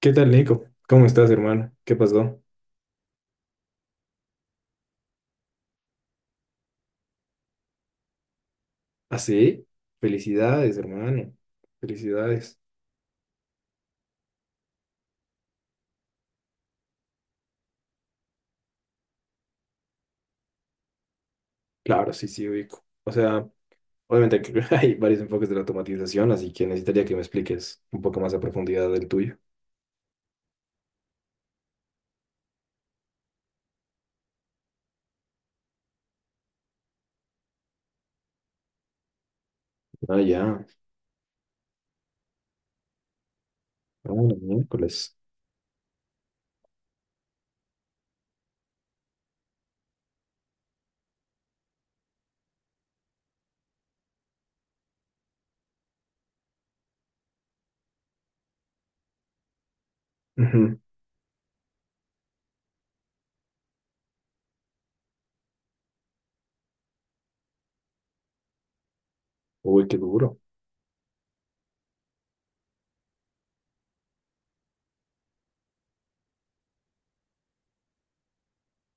¿Qué tal, Nico? ¿Cómo estás, hermano? ¿Qué pasó? ¿Ah, sí? Felicidades, hermano. Felicidades. Claro, sí, sí, ubico. O sea, obviamente que hay varios enfoques de la automatización, así que necesitaría que me expliques un poco más a profundidad del tuyo. Ah, ya. Ah, miércoles. Ujú. Uy, qué duro.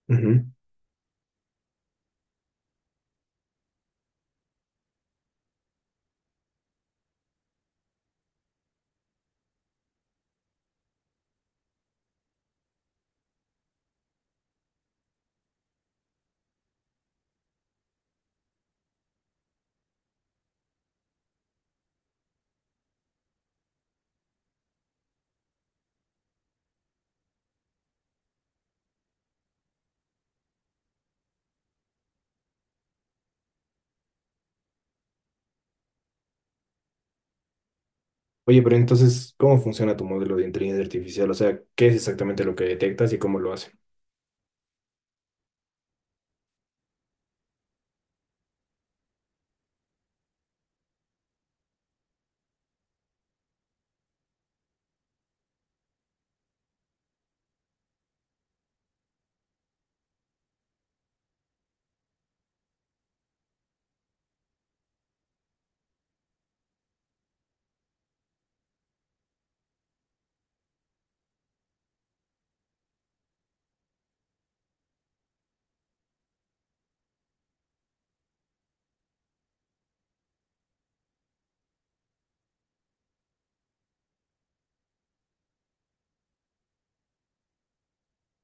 Ujú. Oye, pero entonces, ¿cómo funciona tu modelo de inteligencia artificial? O sea, ¿qué es exactamente lo que detectas y cómo lo hace?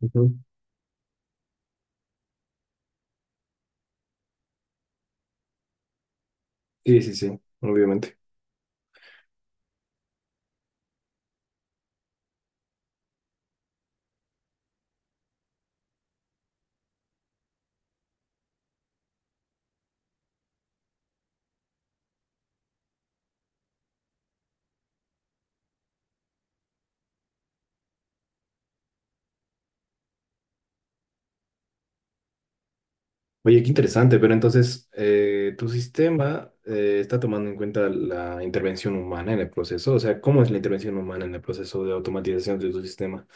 Ujú. Sí, sí, sí, obviamente. Oye, qué interesante, pero entonces tu sistema está tomando en cuenta la intervención humana en el proceso. O sea, ¿cómo es la intervención humana en el proceso de automatización de tu sistema?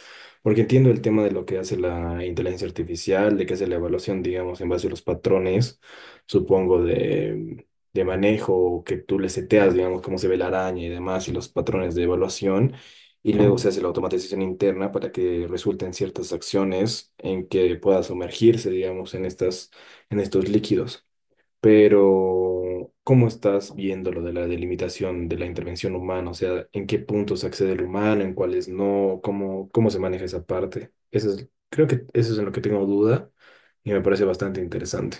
Porque entiendo el tema de lo que hace la inteligencia artificial, de que hace la evaluación, digamos, en base a los patrones, supongo, de manejo, que tú le seteas, digamos, cómo se ve la araña y demás, y los patrones de evaluación, y luego se hace la automatización interna para que resulten ciertas acciones en que pueda sumergirse, digamos, en estas, en estos líquidos. Pero, ¿cómo estás viendo lo de la delimitación de la intervención humana? O sea, ¿en qué puntos accede el humano, en cuáles no? ¿Cómo, cómo se maneja esa parte? Eso es, creo que eso es en lo que tengo duda y me parece bastante interesante.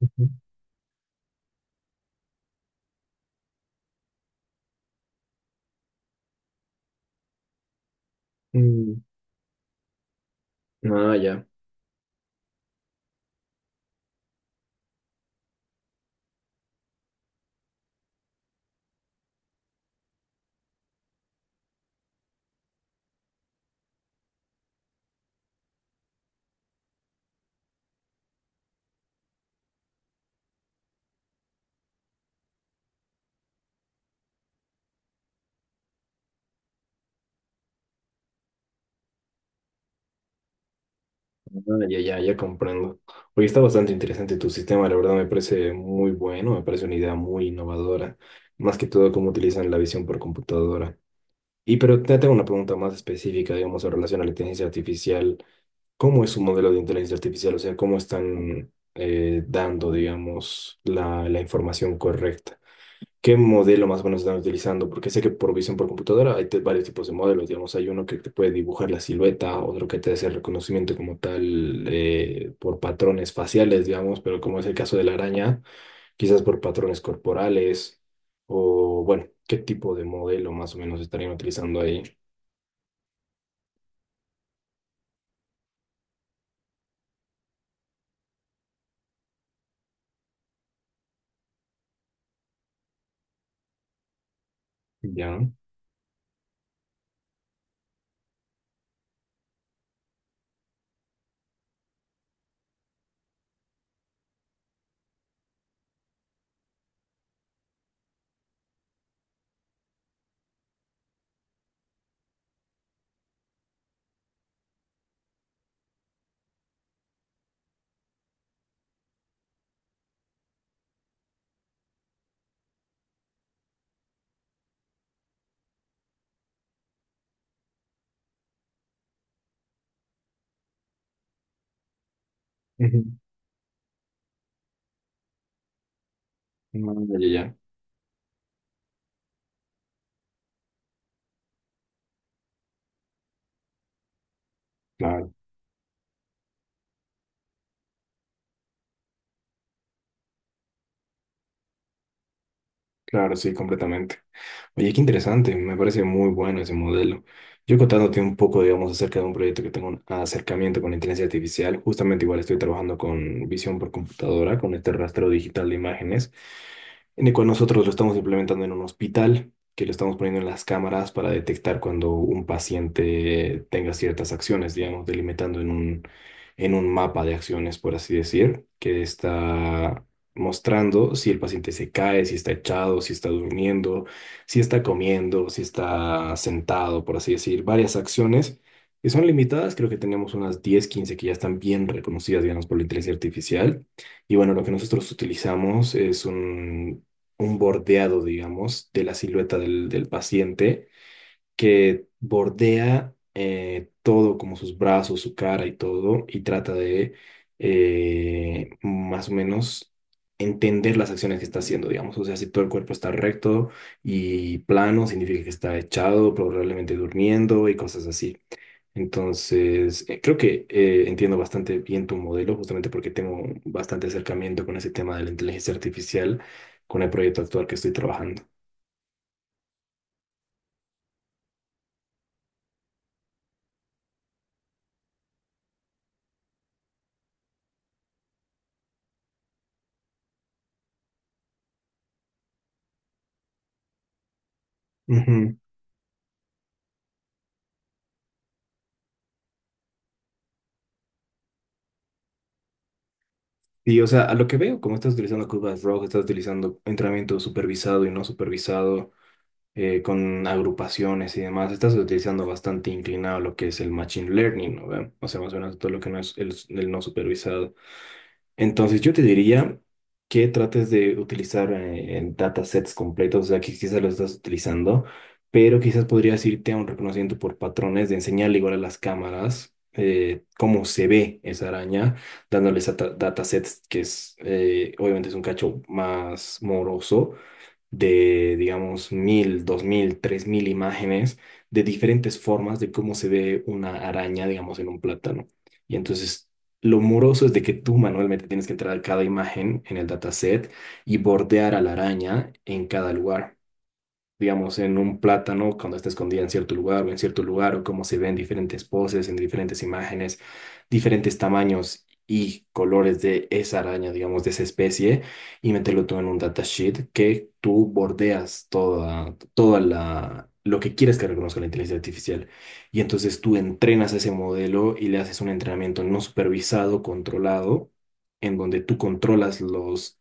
Ujú. Mm. Ah, ya. Ah, ya, ya, ya comprendo. Oye, está bastante interesante tu sistema, la verdad me parece muy bueno, me parece una idea muy innovadora, más que todo cómo utilizan la visión por computadora. Y pero te tengo una pregunta más específica, digamos, en relación a la inteligencia artificial. Cómo es su modelo de inteligencia artificial. O sea, cómo están dando, digamos, la información correcta. ¿Qué modelo más o menos están utilizando? Porque sé que por visión por computadora hay varios tipos de modelos, digamos, hay uno que te puede dibujar la silueta, otro que te hace el reconocimiento como tal por patrones faciales, digamos, pero como es el caso de la araña, quizás por patrones corporales o, bueno, ¿qué tipo de modelo más o menos estarían utilizando ahí? Ya. Ujú. Ah, ya, ya. Ya. Claro, sí, completamente. Oye, qué interesante, me parece muy bueno ese modelo. Yo contándote un poco, digamos, acerca de un proyecto que tengo un acercamiento con la inteligencia artificial, justamente igual estoy trabajando con visión por computadora, con este rastreo digital de imágenes en el cual nosotros lo estamos implementando en un hospital, que lo estamos poniendo en las cámaras para detectar cuando un paciente tenga ciertas acciones, digamos, delimitando en un mapa de acciones, por así decir, que está mostrando si el paciente se cae, si está echado, si está durmiendo, si está comiendo, si está sentado, por así decir, varias acciones que son limitadas. Creo que tenemos unas 10, 15 que ya están bien reconocidas, digamos, por la inteligencia artificial. Y bueno, lo que nosotros utilizamos es un bordeado, digamos, de la silueta del paciente, que bordea todo, como sus brazos, su cara y todo, y trata de más o menos entender las acciones que está haciendo, digamos. O sea, si todo el cuerpo está recto y plano, significa que está echado, probablemente durmiendo y cosas así. Entonces, creo que entiendo bastante bien tu modelo, justamente porque tengo bastante acercamiento con ese tema de la inteligencia artificial, con el proyecto actual que estoy trabajando. Y, o sea, a lo que veo, como estás utilizando curvas rojas, estás utilizando entrenamiento supervisado y no supervisado, con agrupaciones y demás, estás utilizando bastante inclinado lo que es el machine learning, ¿no ve? O sea, más o menos todo lo que no es el no supervisado. Entonces yo te diría que trates de utilizar en datasets completos. O sea, que quizás lo estás utilizando, pero quizás podrías irte a un reconocimiento por patrones de enseñarle igual a las cámaras cómo se ve esa araña, dándoles a datasets, que es, obviamente es un cacho más moroso, de, digamos, 1.000, 2.000, 3.000 imágenes de diferentes formas de cómo se ve una araña, digamos, en un plátano. Y entonces, lo moroso es de que tú manualmente tienes que entrar a cada imagen en el dataset y bordear a la araña en cada lugar, digamos, en un plátano cuando está escondida en cierto lugar o en cierto lugar, o cómo se ven diferentes poses, en diferentes imágenes, diferentes tamaños y colores de esa araña, digamos, de esa especie, y meterlo todo en un datasheet que tú bordeas toda, toda la... lo que quieres que reconozca la inteligencia artificial. Y entonces tú entrenas ese modelo y le haces un entrenamiento no supervisado, controlado, en donde tú controlas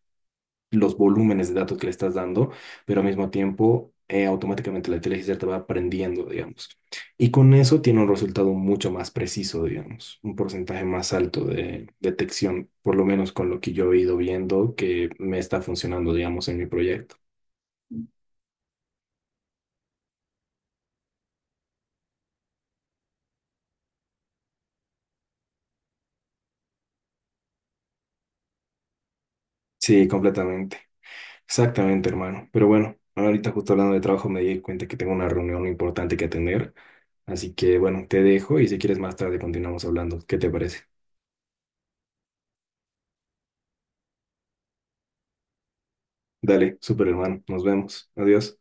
los volúmenes de datos que le estás dando, pero al mismo tiempo automáticamente la inteligencia te va aprendiendo, digamos. Y con eso tiene un resultado mucho más preciso, digamos, un porcentaje más alto de detección, por lo menos con lo que yo he ido viendo que me está funcionando, digamos, en mi proyecto. Sí, completamente. Exactamente, hermano. Pero bueno, ahorita justo hablando de trabajo me di cuenta que tengo una reunión importante que atender. Así que bueno, te dejo y si quieres más tarde continuamos hablando. ¿Qué te parece? Dale, súper hermano. Nos vemos. Adiós.